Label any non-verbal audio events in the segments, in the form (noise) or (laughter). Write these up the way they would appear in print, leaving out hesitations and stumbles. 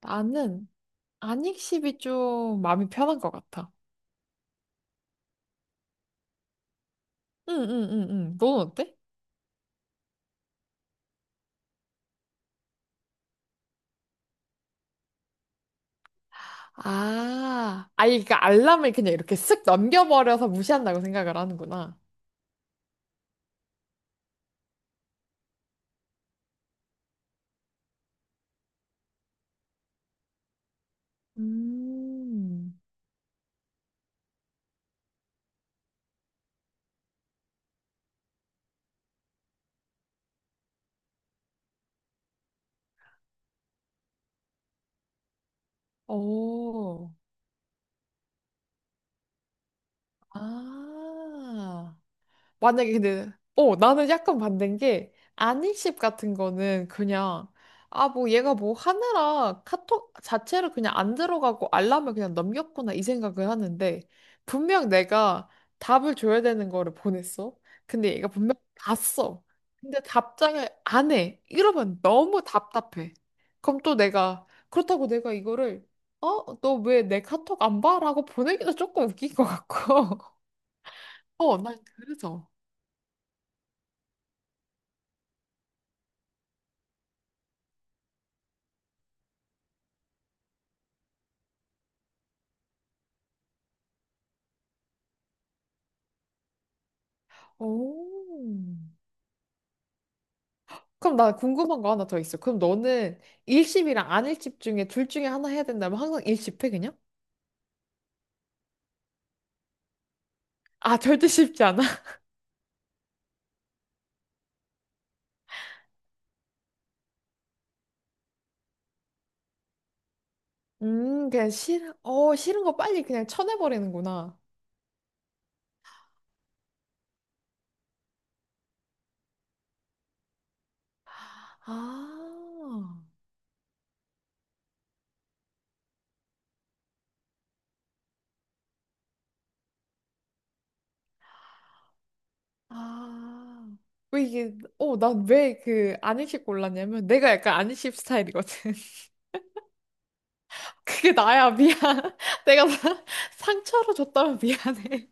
나는 안익십이 좀 마음이 편한 것 같아. 응, 응, 응, 응. 넌 어때? 아, 아니, 그러니까 알람을 그냥 이렇게 쓱 넘겨버려서 무시한다고 생각을 하는구나. 음, 오, 아. 만약에 근데 나는 약간 반대인 게 아니십 같은 거는 그냥, 아, 뭐 얘가 뭐 하느라 카톡 자체를 그냥 안 들어가고 알람을 그냥 넘겼구나 이 생각을 하는데, 분명 내가 답을 줘야 되는 거를 보냈어. 근데 얘가 분명 봤어. 근데 답장을 안 해. 이러면 너무 답답해. 그럼 또 내가 그렇다고 내가 이거를, 어? 너 왜 내 카톡 안 봐? 라고 보내기도 조금 웃긴 것 같고. (laughs) 어, 난 그래서. 오. 그럼 나 궁금한 거 하나 더 있어. 그럼 너는 일십이랑 안일십 중에 둘 중에 하나 해야 된다면 항상 일십해 그냥? 아, 절대 쉽지 않아. (laughs) 그냥 싫은, 어, 싫은 거 빨리 그냥 쳐내버리는구나. 아, 아. 왜 이게, 어, 난 왜 그 안일십 골랐냐면 내가 약간 안일십 스타일이거든. (laughs) 그게 나야, 미안. (laughs) 내가 나- 상처로 줬다면 미안해.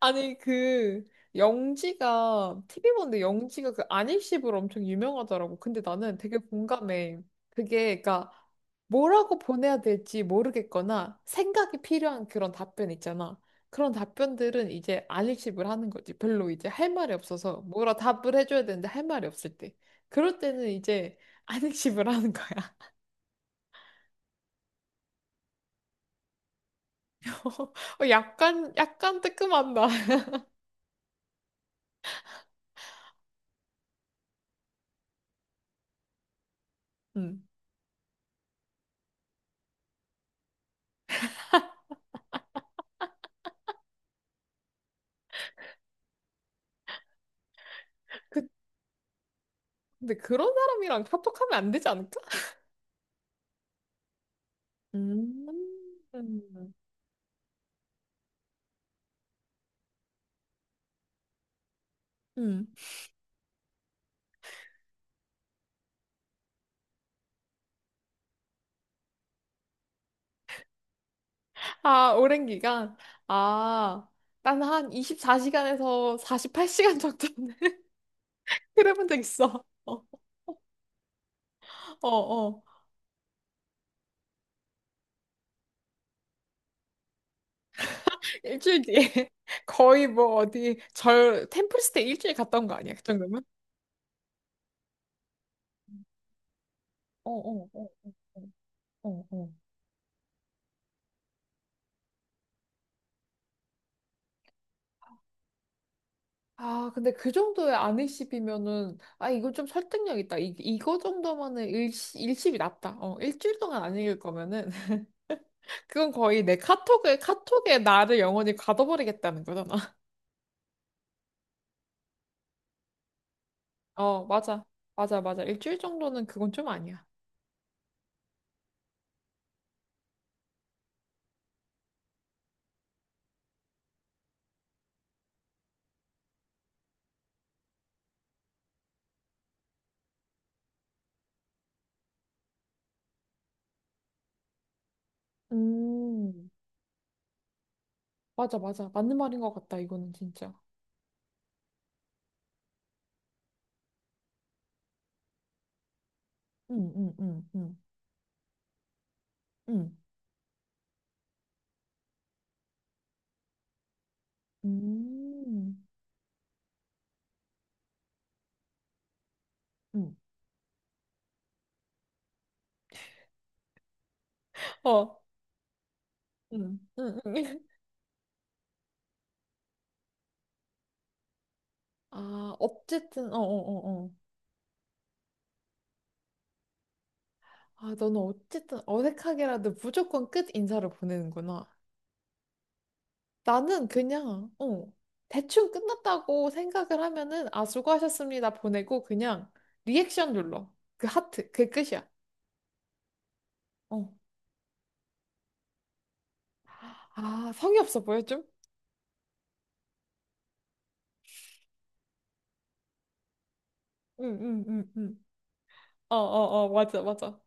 아니 그, 영지가 TV 보는데 영지가 그 안입십으로 엄청 유명하더라고. 근데 나는 되게 공감해. 그게 그러니까 뭐라고 보내야 될지 모르겠거나 생각이 필요한 그런 답변 있잖아. 그런 답변들은 이제 안입십을 하는 거지. 별로 이제 할 말이 없어서 뭐라 답을 해줘야 되는데 할 말이 없을 때. 그럴 때는 이제 안입십을 하는 거야. (laughs) 어, 약간 약간 뜨끔한다. (laughs) 음. 그- 근데 그런 사람이랑 카톡하면 안 되지 않을까? 음. 음. 아, 오랜 기간. 아, 난 한 24시간에서 48시간 정도는 (laughs) 그래본 적 있어. 어, 어, 어. 일주일 뒤에 (laughs) 거의 뭐 어디 절 템플스테이 일주일 갔다 온 거 아니야? 그 정도면? 어, 어, 어, 어, 어, 어. 어. 아, 근데 그 정도의 안일십이면은, 아, 이거 좀 설득력 있다. 이거 정도면은 일시, 일십이 낫다. 어, 일주일 동안 안 읽을 거면은. 그건 거의 내 카톡에, 카톡에 나를 영원히 가둬버리겠다는 거잖아. (laughs) 어, 맞아. 맞아, 맞아. 일주일 정도는 그건 좀 아니야. 음, 맞아, 맞아. 맞는 말인 것 같다, 이거는 진짜. 응, 응, 응, 응, 응. 음, 음. 어, 응, 응, 응. (laughs) 아, 어쨌든, 어, 어, 어, 어. 아, 너는 어쨌든 어색하게라도 무조건 끝 인사를 보내는구나. 나는 그냥, 어, 대충 끝났다고 생각을 하면은, 아, 수고하셨습니다. 보내고, 그냥 리액션 눌러. 그 하트. 그게 끝이야. 어. 아, 성의 없어 보여, 좀? 응, 응, 응, 응. 어, 어, 어, 맞아, 맞아.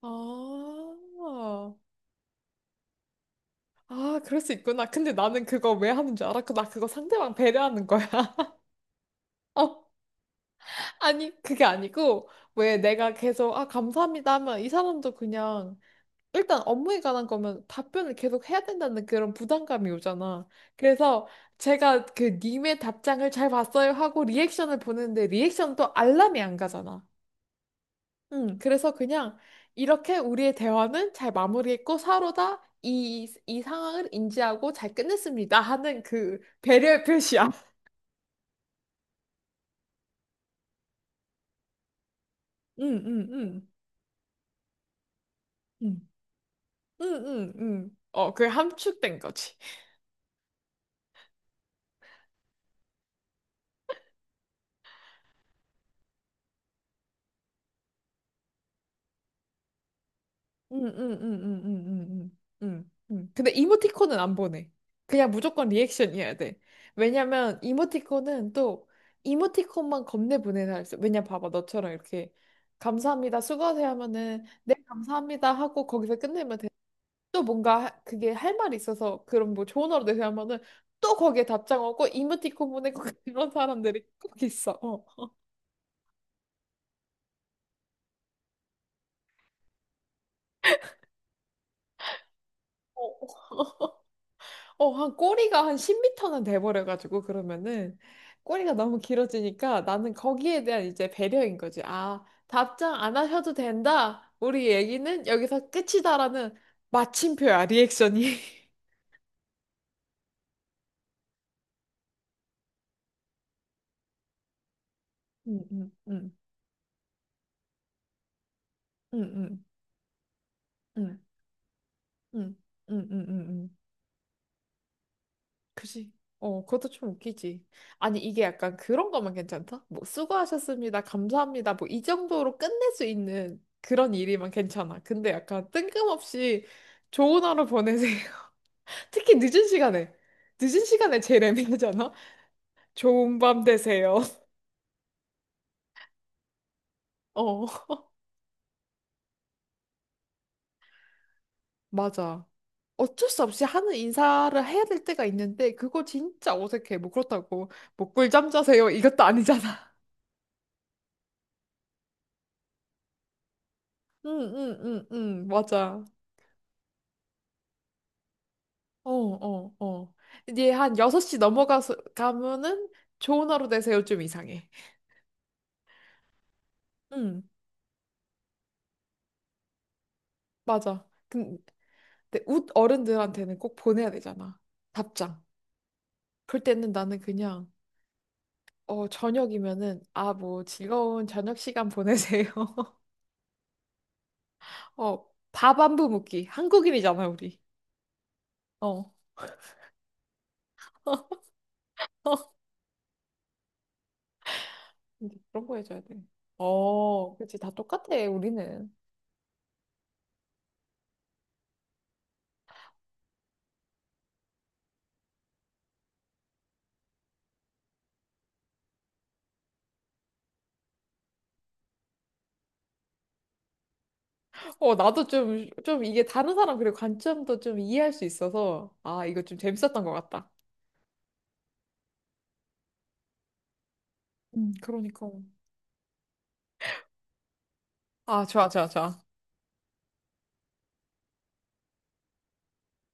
아, 아, 그럴 수 있구나. 근데 나는 그거 왜 하는 줄 알아? 나 그거 상대방 배려하는 거야. (laughs) 어, 아니, 그게 아니고, 왜 내가 계속, 아, 감사합니다 하면 이 사람도 그냥, 일단 업무에 관한 거면 답변을 계속 해야 된다는 그런 부담감이 오잖아. 그래서 제가 그 님의 답장을 잘 봤어요 하고 리액션을 보는데 리액션도 알람이 안 가잖아. 그래서 그냥 이렇게 우리의 대화는 잘 마무리했고 서로다 이 상황을 인지하고 잘 끝냈습니다 하는 그 배려의 표시야. 응, 응, 응. 응, 응, 응, 응. 어, 그게 함축된 거지. 응응응응응응응응. 근데 이모티콘은 안 보내. 그냥 무조건 리액션이어야 돼. 왜냐면 이모티콘은 또 이모티콘만 겁내 보내서 있어. 왜냐 봐봐 너처럼 이렇게 감사합니다 수고하세요 하면은 네 감사합니다 하고 거기서 끝내면 돼. 또 뭔가 그게 할 말이 있어서 그런 뭐 좋은 하루 되세요 하면은 또 거기에 답장 오고 이모티콘 보내고 (laughs) 그런 사람들이 꼭 있어. 어. 어, 한 꼬리가 한 10m는 돼버려가지고, 그러면은, 꼬리가 너무 길어지니까 나는 거기에 대한 이제 배려인 거지. 아, 답장 안 하셔도 된다. 우리 얘기는 여기서 끝이다라는 마침표야, 리액션이. (laughs) 응, 응, 응, 응, 응, 응, 응, 응, 응, 응, 응. 그지? 어, 그것도 좀 웃기지. 아니, 이게 약간 그런 거면 괜찮다? 뭐, 수고하셨습니다. 감사합니다. 뭐, 이 정도로 끝낼 수 있는 그런 일이면 괜찮아. 근데 약간 뜬금없이 좋은 하루 보내세요. (laughs) 특히 늦은 시간에. 늦은 시간에 제일 애매하잖아? 좋은 밤 되세요. (laughs) 어, 맞아. 어쩔 수 없이 하는 인사를 해야 될 때가 있는데, 그거 진짜 어색해. 뭐, 그렇다고, 뭐, 꿀잠 자세요. 이것도 아니잖아. (laughs) 응, 응, 응, 응, 맞아. 어, 어, 어. 이제 한 6시 넘어가서 가면은 좋은 하루 되세요 좀 이상해. 응, 맞아. 근데 웃 어른들한테는 꼭 보내야 되잖아. 답장. 그럴 때는 나는 그냥, 어, 저녁이면은 아, 뭐 즐거운 저녁 시간 보내세요. (laughs) 어, 밥 안부 묻기 한국인이잖아, 우리. 어. (laughs) 근데 그런 거 해줘야 돼. 어, 그치. 다 똑같아, 우리는. 어, 나도 좀, 좀 이게 다른 사람 그리고 관점도 좀 이해할 수 있어서, 아, 이거 좀 재밌었던 것 같다. 그러니까. 아, 좋아, 좋아, 좋아.